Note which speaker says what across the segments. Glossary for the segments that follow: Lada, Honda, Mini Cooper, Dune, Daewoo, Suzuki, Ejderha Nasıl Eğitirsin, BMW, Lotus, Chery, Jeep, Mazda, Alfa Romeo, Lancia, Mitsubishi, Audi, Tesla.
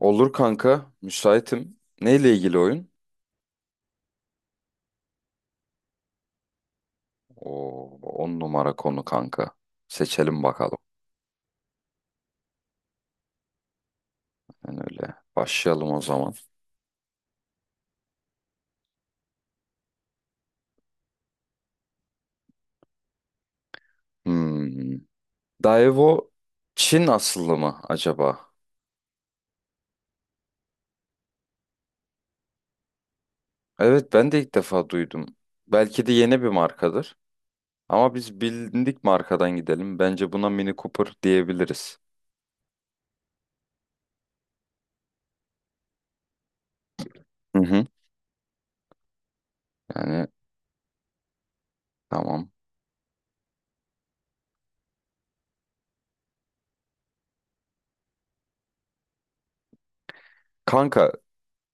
Speaker 1: Olur kanka, müsaitim. Neyle ilgili oyun? Oo, on numara konu kanka. Seçelim bakalım. Yani öyle. Başlayalım o zaman. Hmm. Daewoo Çin asıllı mı acaba? Evet ben de ilk defa duydum. Belki de yeni bir markadır. Ama biz bilindik markadan gidelim. Bence buna Mini Cooper diyebiliriz. Hı hı. Yani tamam. Kanka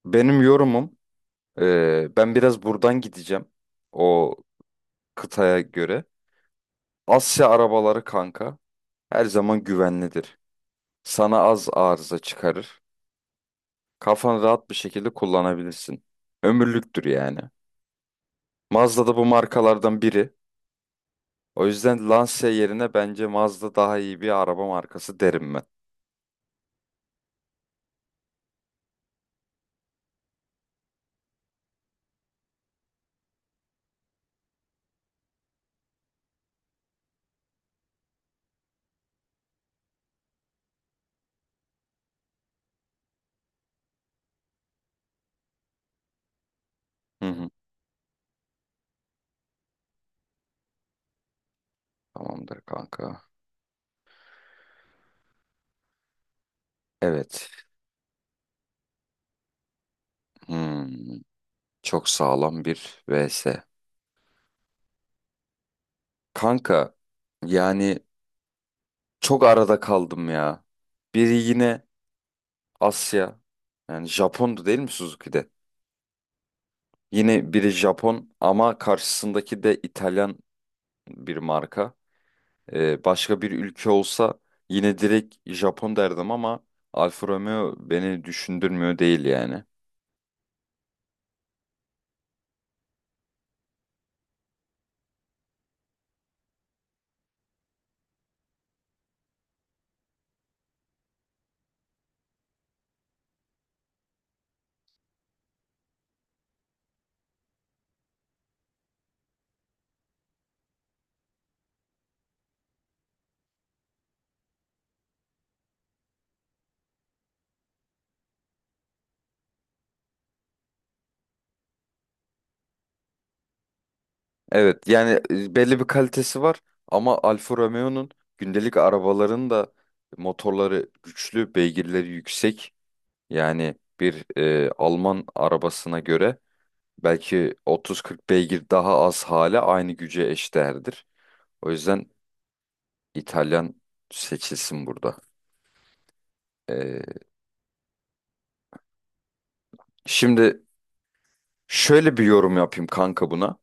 Speaker 1: benim yorumum ben biraz buradan gideceğim. O kıtaya göre. Asya arabaları kanka her zaman güvenlidir. Sana az arıza çıkarır. Kafanı rahat bir şekilde kullanabilirsin. Ömürlüktür yani. Mazda da bu markalardan biri. O yüzden Lancia yerine bence Mazda daha iyi bir araba markası derim ben. Hı hı. Tamamdır kanka. Evet. Hmm. Çok sağlam bir vs. Kanka yani çok arada kaldım ya. Biri yine Asya. Yani Japon'du değil mi Suzuki'de? Yine biri Japon ama karşısındaki de İtalyan bir marka. Başka bir ülke olsa yine direkt Japon derdim ama Alfa Romeo beni düşündürmüyor değil yani. Evet yani belli bir kalitesi var ama Alfa Romeo'nun gündelik arabaların da motorları güçlü, beygirleri yüksek. Yani bir Alman arabasına göre belki 30-40 beygir daha az hale aynı güce eşdeğerdir. O yüzden İtalyan seçilsin burada. Ee, Şimdi şöyle bir yorum yapayım kanka buna.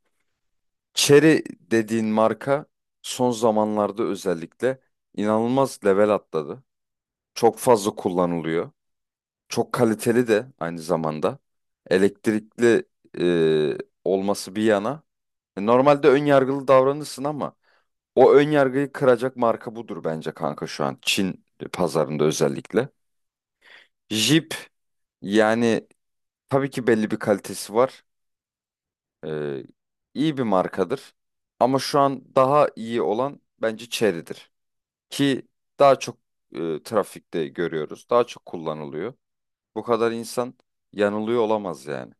Speaker 1: Cherry dediğin marka son zamanlarda özellikle inanılmaz level atladı. Çok fazla kullanılıyor. Çok kaliteli de aynı zamanda. Elektrikli e, olması bir yana. Normalde ön yargılı davranırsın ama o ön yargıyı kıracak marka budur bence kanka şu an. Çin pazarında özellikle. Jeep yani tabii ki belli bir kalitesi var. Ee, iyi bir markadır. Ama şu an daha iyi olan bence Chery'dir. Ki daha çok trafikte görüyoruz. Daha çok kullanılıyor. Bu kadar insan yanılıyor olamaz yani.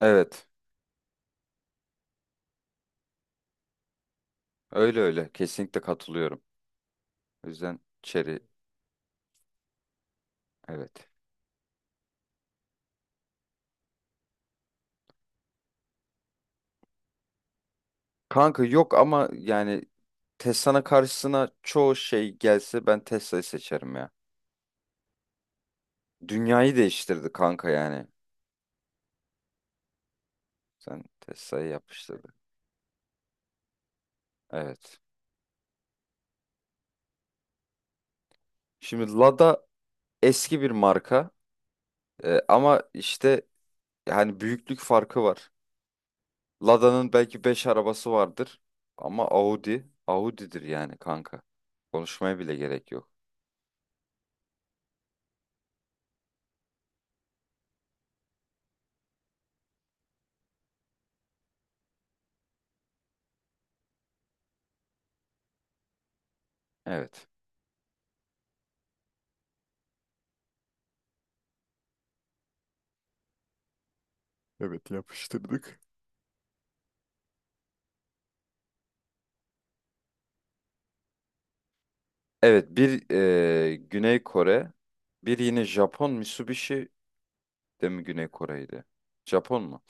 Speaker 1: Evet. Öyle öyle. Kesinlikle katılıyorum. O yüzden Chery evet. Kanka yok ama yani Tesla'nın karşısına çoğu şey gelse ben Tesla'yı seçerim ya. Dünyayı değiştirdi kanka yani. Sen Tesla'yı yapıştırdın. Evet. Şimdi Lada eski bir marka ama işte yani büyüklük farkı var. Lada'nın belki 5 arabası vardır ama Audi Audi'dir yani kanka. Konuşmaya bile gerek yok. Evet. Evet yapıştırdık. Evet bir Güney Kore bir yine Japon Mitsubishi de mi Güney Kore'ydi? Japon mu?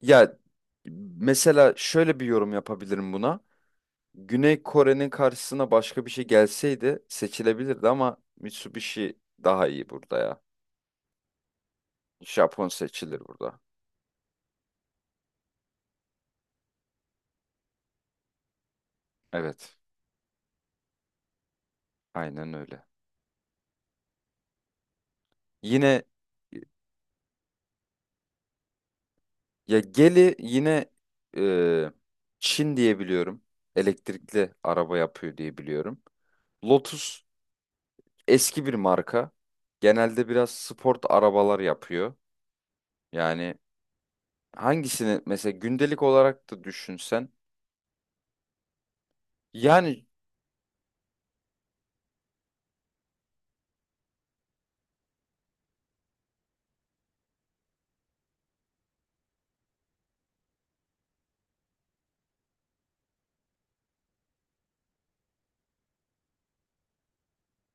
Speaker 1: Ya mesela şöyle bir yorum yapabilirim buna. Güney Kore'nin karşısına başka bir şey gelseydi seçilebilirdi ama Mitsubishi daha iyi burada ya. Japon seçilir burada. Evet, aynen öyle. Yine ya Geli yine e, Çin diye biliyorum. Elektrikli araba yapıyor diye biliyorum. Lotus eski bir marka. Genelde biraz sport arabalar yapıyor. Yani hangisini mesela gündelik olarak da düşünsen. Yani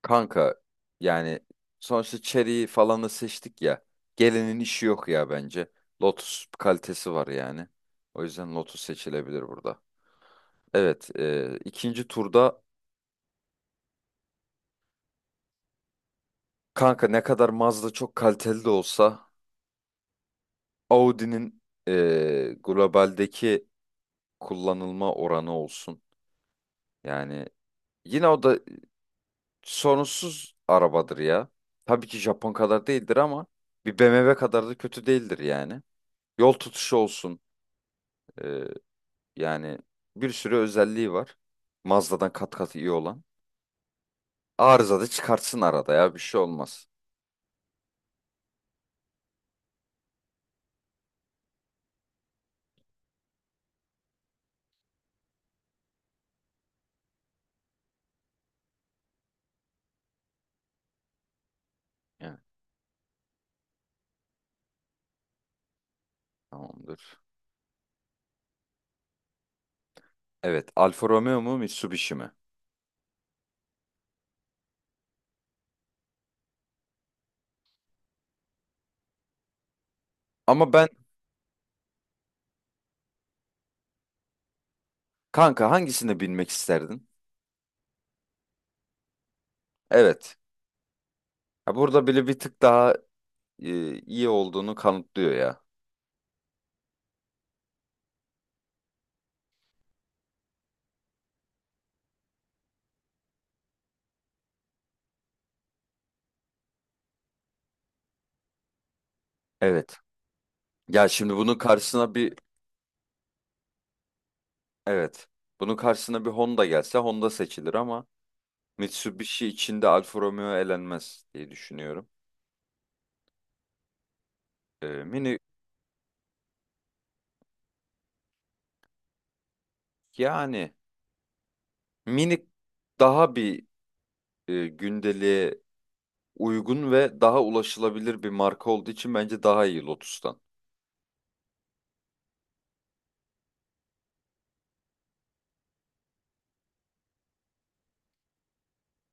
Speaker 1: kanka yani sonuçta Cherry'i falanı seçtik ya. Gelinin işi yok ya bence. Lotus kalitesi var yani. O yüzden Lotus seçilebilir burada. Evet ikinci turda kanka ne kadar Mazda çok kaliteli de olsa Audi'nin globaldeki kullanılma oranı olsun. Yani yine o da sorunsuz arabadır ya. Tabii ki Japon kadar değildir ama bir BMW kadar da kötü değildir yani. Yol tutuşu olsun. Yani bir sürü özelliği var. Mazda'dan kat kat iyi olan. Arıza da çıkartsın arada ya bir şey olmaz. Yani tamamdır. Evet, Alfa Romeo mu Mitsubishi mi? Ama ben kanka hangisini binmek isterdin? Evet. Ya burada bile bir tık daha iyi olduğunu kanıtlıyor ya. Evet. Ya şimdi bunun karşısına bir evet. Bunun karşısına bir Honda gelse Honda seçilir ama Mitsubishi içinde Alfa Romeo elenmez diye düşünüyorum. Mini yani minik daha bir gündeliğe uygun ve daha ulaşılabilir bir marka olduğu için bence daha iyi Lotus'tan.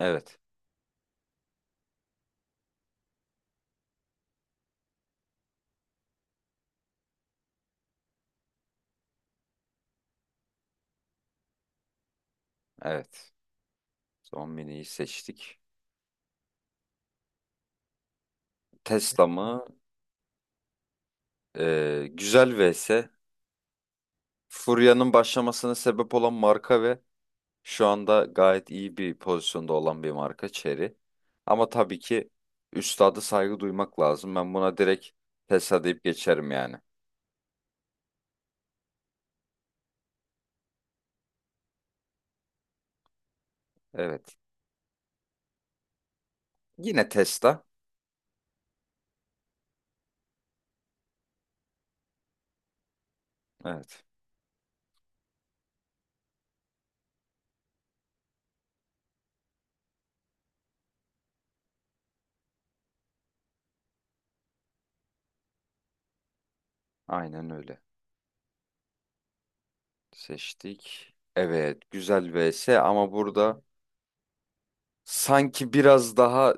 Speaker 1: Evet, evet. Son mini'yi seçtik. Tesla mı? Güzel vs. Furya'nın başlamasına sebep olan marka ve şu anda gayet iyi bir pozisyonda olan bir marka Chery. Ama tabii ki üstada saygı duymak lazım. Ben buna direkt Tesla deyip geçerim yani. Evet. Yine Tesla. Evet. Aynen öyle. Seçtik. Evet, güzel vs ama burada sanki biraz daha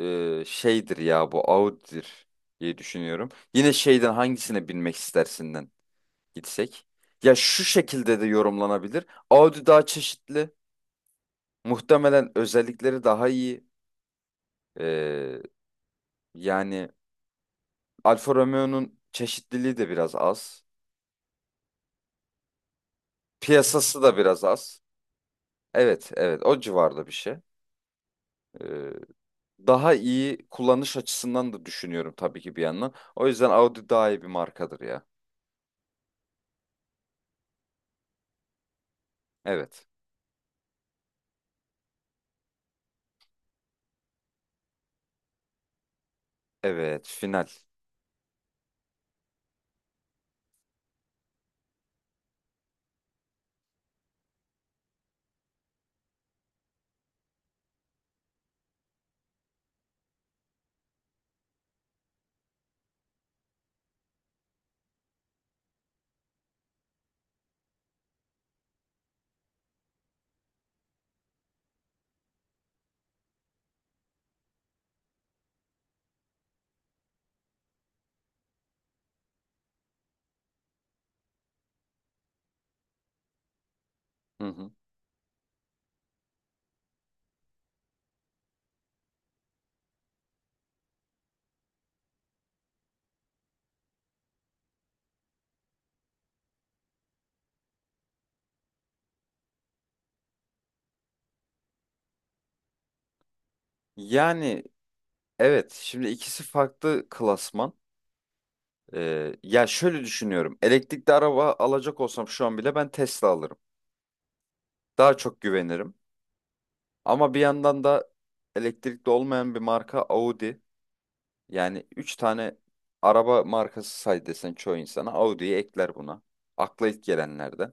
Speaker 1: şeydir ya bu Audi'dir diye düşünüyorum. Yine şeyden hangisine binmek istersinden gitsek. Ya şu şekilde de yorumlanabilir. Audi daha çeşitli. Muhtemelen özellikleri daha iyi. E, Yani Alfa Romeo'nun çeşitliliği de biraz az. Piyasası da biraz az. Evet, evet, o civarda bir şey. E, Daha iyi kullanış açısından da düşünüyorum tabii ki bir yandan. O yüzden Audi daha iyi bir markadır ya. Evet. Evet, final. Hı hı. Yani evet, şimdi ikisi farklı klasman. Ya şöyle düşünüyorum. Elektrikli araba alacak olsam şu an bile ben Tesla alırım. Daha çok güvenirim. Ama bir yandan da elektrikli olmayan bir marka Audi. Yani 3 tane araba markası say desen çoğu insana Audi'yi ekler buna. Akla ilk gelenlerden.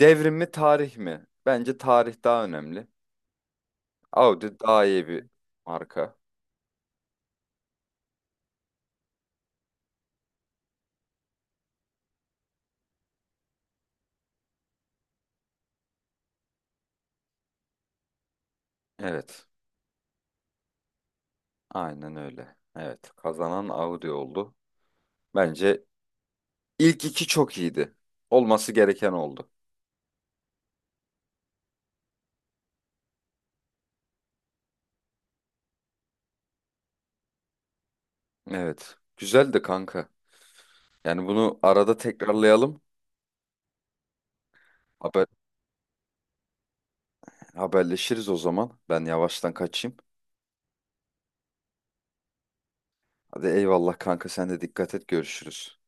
Speaker 1: Devrim mi tarih mi? Bence tarih daha önemli. Audi daha iyi bir marka. Evet. Aynen öyle. Evet. Kazanan Audi oldu. Bence ilk iki çok iyiydi. Olması gereken oldu. Evet. Güzeldi kanka. Yani bunu arada tekrarlayalım. Haber, Haberleşiriz o zaman. Ben yavaştan kaçayım. Hadi eyvallah kanka sen de dikkat et görüşürüz.